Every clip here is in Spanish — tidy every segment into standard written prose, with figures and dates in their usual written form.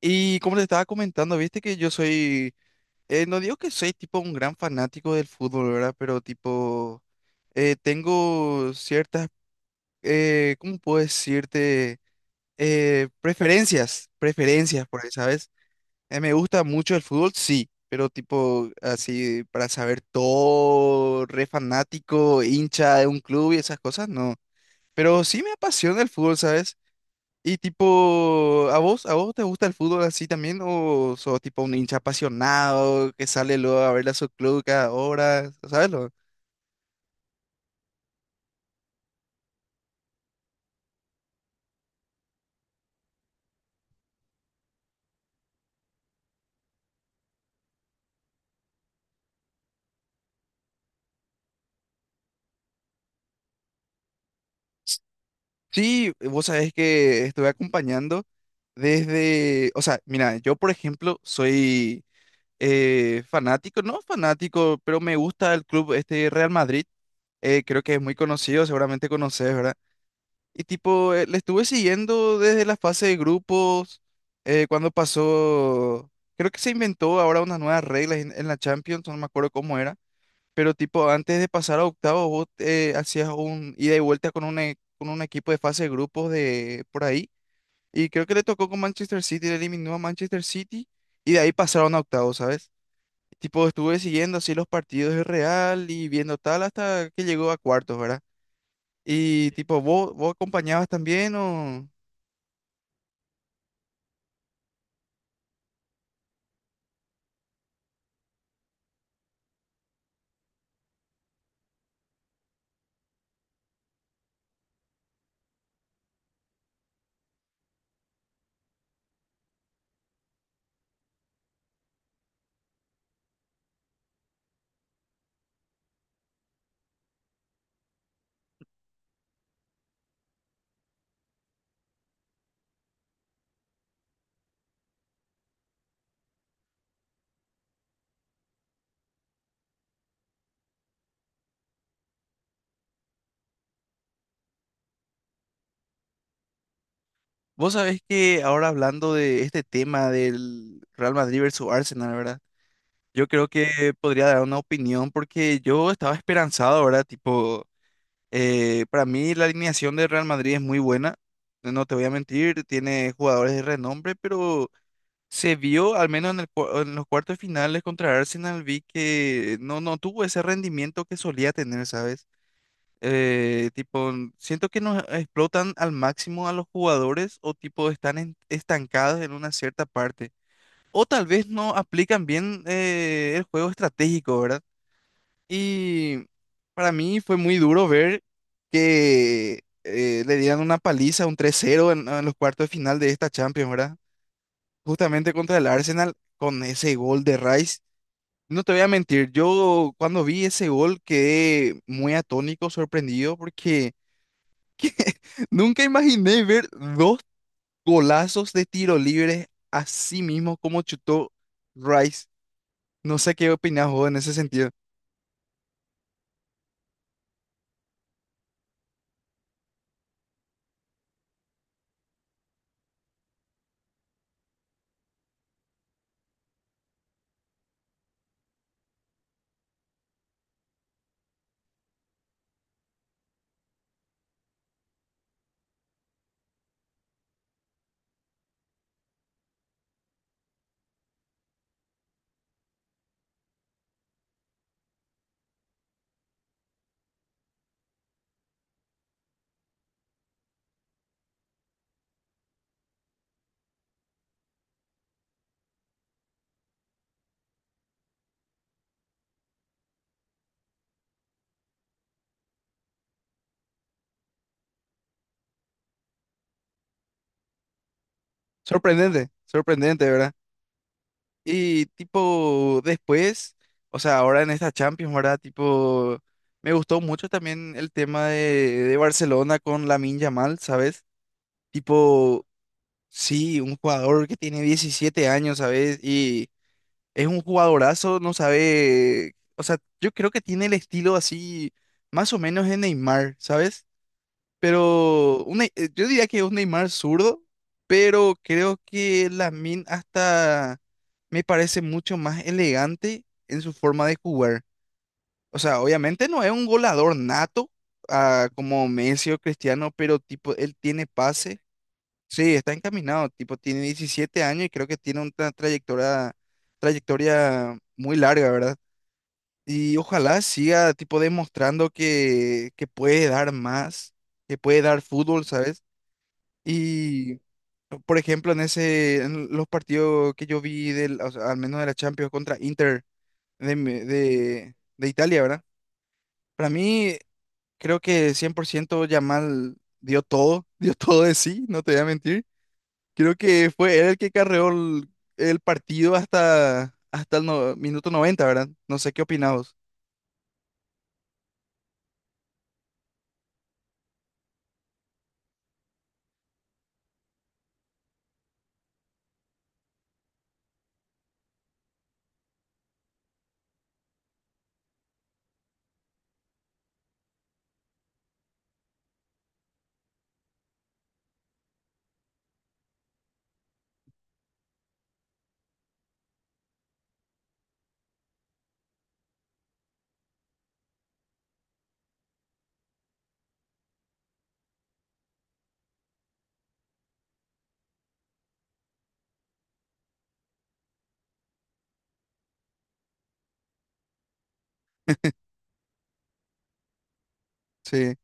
Y como te estaba comentando, viste que yo soy, no digo que soy tipo un gran fanático del fútbol, ¿verdad? Pero tipo, tengo ciertas, ¿cómo puedo decirte? Preferencias, preferencias por ahí, ¿sabes? Me gusta mucho el fútbol, sí, pero tipo, así, para saber todo, re fanático, hincha de un club y esas cosas, no. Pero sí me apasiona el fútbol, ¿sabes? Y tipo, ¿a vos te gusta el fútbol así también? ¿O sos tipo un hincha apasionado que sale luego a ver a su club cada hora? ¿Sabes lo? Sí, vos sabés que estuve acompañando desde, o sea, mira, yo por ejemplo soy fanático, no fanático, pero me gusta el club este Real Madrid, creo que es muy conocido, seguramente conoces, ¿verdad? Y tipo, le estuve siguiendo desde la fase de grupos, cuando pasó, creo que se inventó ahora unas nuevas reglas en la Champions, no me acuerdo cómo era, pero tipo, antes de pasar a octavos, vos hacías un ida y vuelta con un, con un equipo de fase de grupos de por ahí, y creo que le tocó con Manchester City, le eliminó a Manchester City, y de ahí pasaron a octavos, ¿sabes? Tipo, estuve siguiendo así los partidos de Real y viendo tal hasta que llegó a cuartos, ¿verdad? Y tipo, ¿vos acompañabas también o...? Vos sabés que ahora hablando de este tema del Real Madrid versus Arsenal, ¿verdad? Yo creo que podría dar una opinión porque yo estaba esperanzado, ¿verdad? Tipo, para mí la alineación del Real Madrid es muy buena, no te voy a mentir, tiene jugadores de renombre, pero se vio, al menos en el, en los cuartos finales contra Arsenal, vi que no, no tuvo ese rendimiento que solía tener, ¿sabes? Tipo, siento que no explotan al máximo a los jugadores o tipo están estancados en una cierta parte. O tal vez no aplican bien el juego estratégico, ¿verdad? Y para mí fue muy duro ver que le dieran una paliza, un tres cero en los cuartos de final de esta Champions, ¿verdad? Justamente contra el Arsenal con ese gol de Rice. No te voy a mentir, yo cuando vi ese gol quedé muy atónico, sorprendido, porque nunca imaginé ver dos golazos de tiro libre así mismo como chutó Rice. No sé qué opinas vos en ese sentido. Sorprendente, sorprendente, ¿verdad? Y tipo, después, o sea, ahora en esta Champions, ¿verdad? Tipo, me gustó mucho también el tema de Barcelona con Lamine Yamal, ¿sabes? Tipo, sí, un jugador que tiene 17 años, ¿sabes? Y es un jugadorazo, no sabe, o sea, yo creo que tiene el estilo así, más o menos de Neymar, ¿sabes? Pero un yo diría que es un Neymar zurdo, pero creo que Lamine hasta me parece mucho más elegante en su forma de jugar. O sea, obviamente no es un goleador nato, ah, como Messi o Cristiano, pero tipo, él tiene pase. Sí, está encaminado, tipo, tiene 17 años y creo que tiene una trayectoria, trayectoria muy larga, ¿verdad? Y ojalá siga, tipo, demostrando que puede dar más, que puede dar fútbol, ¿sabes? Y, por ejemplo, en ese, en los partidos que yo vi, del, o sea, al menos de la Champions contra Inter de, de Italia, ¿verdad? Para mí, creo que 100% Yamal dio todo, dio todo de sí, no te voy a mentir. Creo que fue él el que carreó el partido hasta, hasta el minuto 90, ¿verdad? No sé qué opinamos. Sí.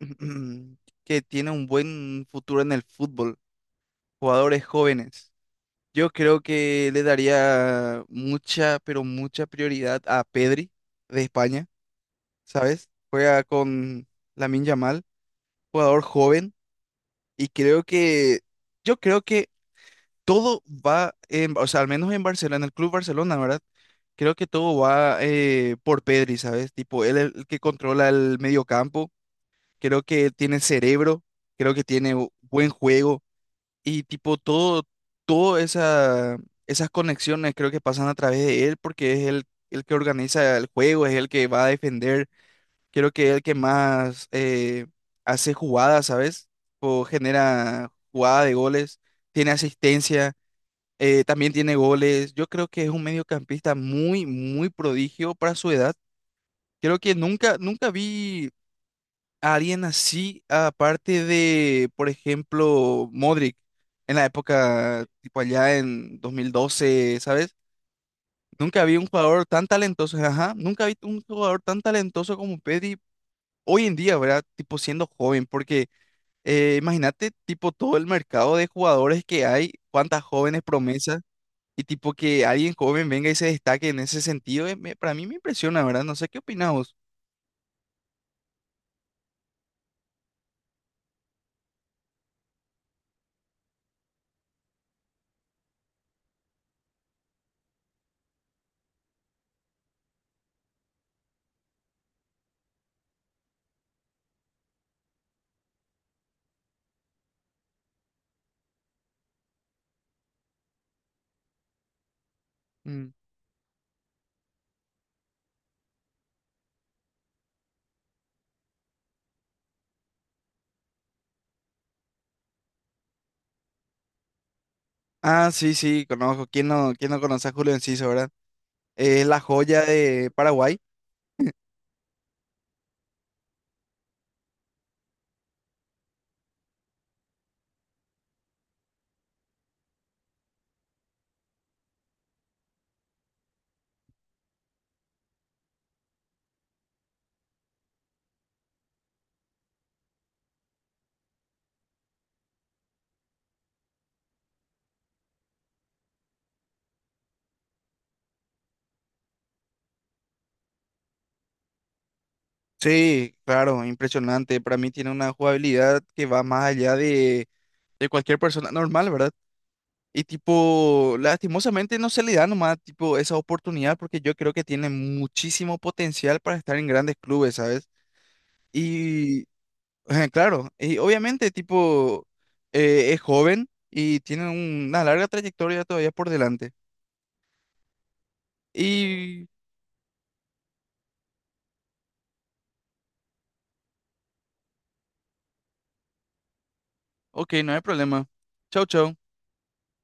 Que tiene un buen futuro en el fútbol. Jugadores jóvenes. Yo creo que le daría mucha, pero mucha prioridad a Pedri de España, ¿sabes? Juega con Lamine Yamal, jugador joven. Y creo que, yo creo que todo va, en, o sea, al menos en Barcelona, en el Club Barcelona, ¿verdad? Creo que todo va por Pedri, ¿sabes? Tipo, él es el que controla el mediocampo. Creo que tiene cerebro, creo que tiene buen juego y tipo todo, todo esa, esas conexiones creo que pasan a través de él porque es el que organiza el juego, es el que va a defender. Creo que es el que más hace jugadas, ¿sabes? O genera jugada de goles, tiene asistencia también tiene goles. Yo creo que es un mediocampista muy, muy prodigio para su edad. Creo que nunca, nunca vi a alguien así, aparte de, por ejemplo, Modric, en la época, tipo allá en 2012, ¿sabes? Nunca vi un jugador tan talentoso, ajá, nunca vi un jugador tan talentoso como Pedri hoy en día, ¿verdad? Tipo siendo joven, porque imagínate, tipo todo el mercado de jugadores que hay, cuántas jóvenes promesas. Y tipo que alguien joven venga y se destaque en ese sentido, para mí me impresiona, ¿verdad? No sé qué opinas vos. Mm. Ah, sí, sí, conozco. ¿Quién no conoce a Julio Enciso, verdad? Es la joya de Paraguay. Sí, claro, impresionante. Para mí tiene una jugabilidad que va más allá de cualquier persona normal, ¿verdad? Y tipo, lastimosamente no se le da nomás tipo esa oportunidad porque yo creo que tiene muchísimo potencial para estar en grandes clubes, ¿sabes? Y ajá, claro, y obviamente tipo es joven y tiene una larga trayectoria todavía por delante. Y ok, no hay problema. Chau, chau.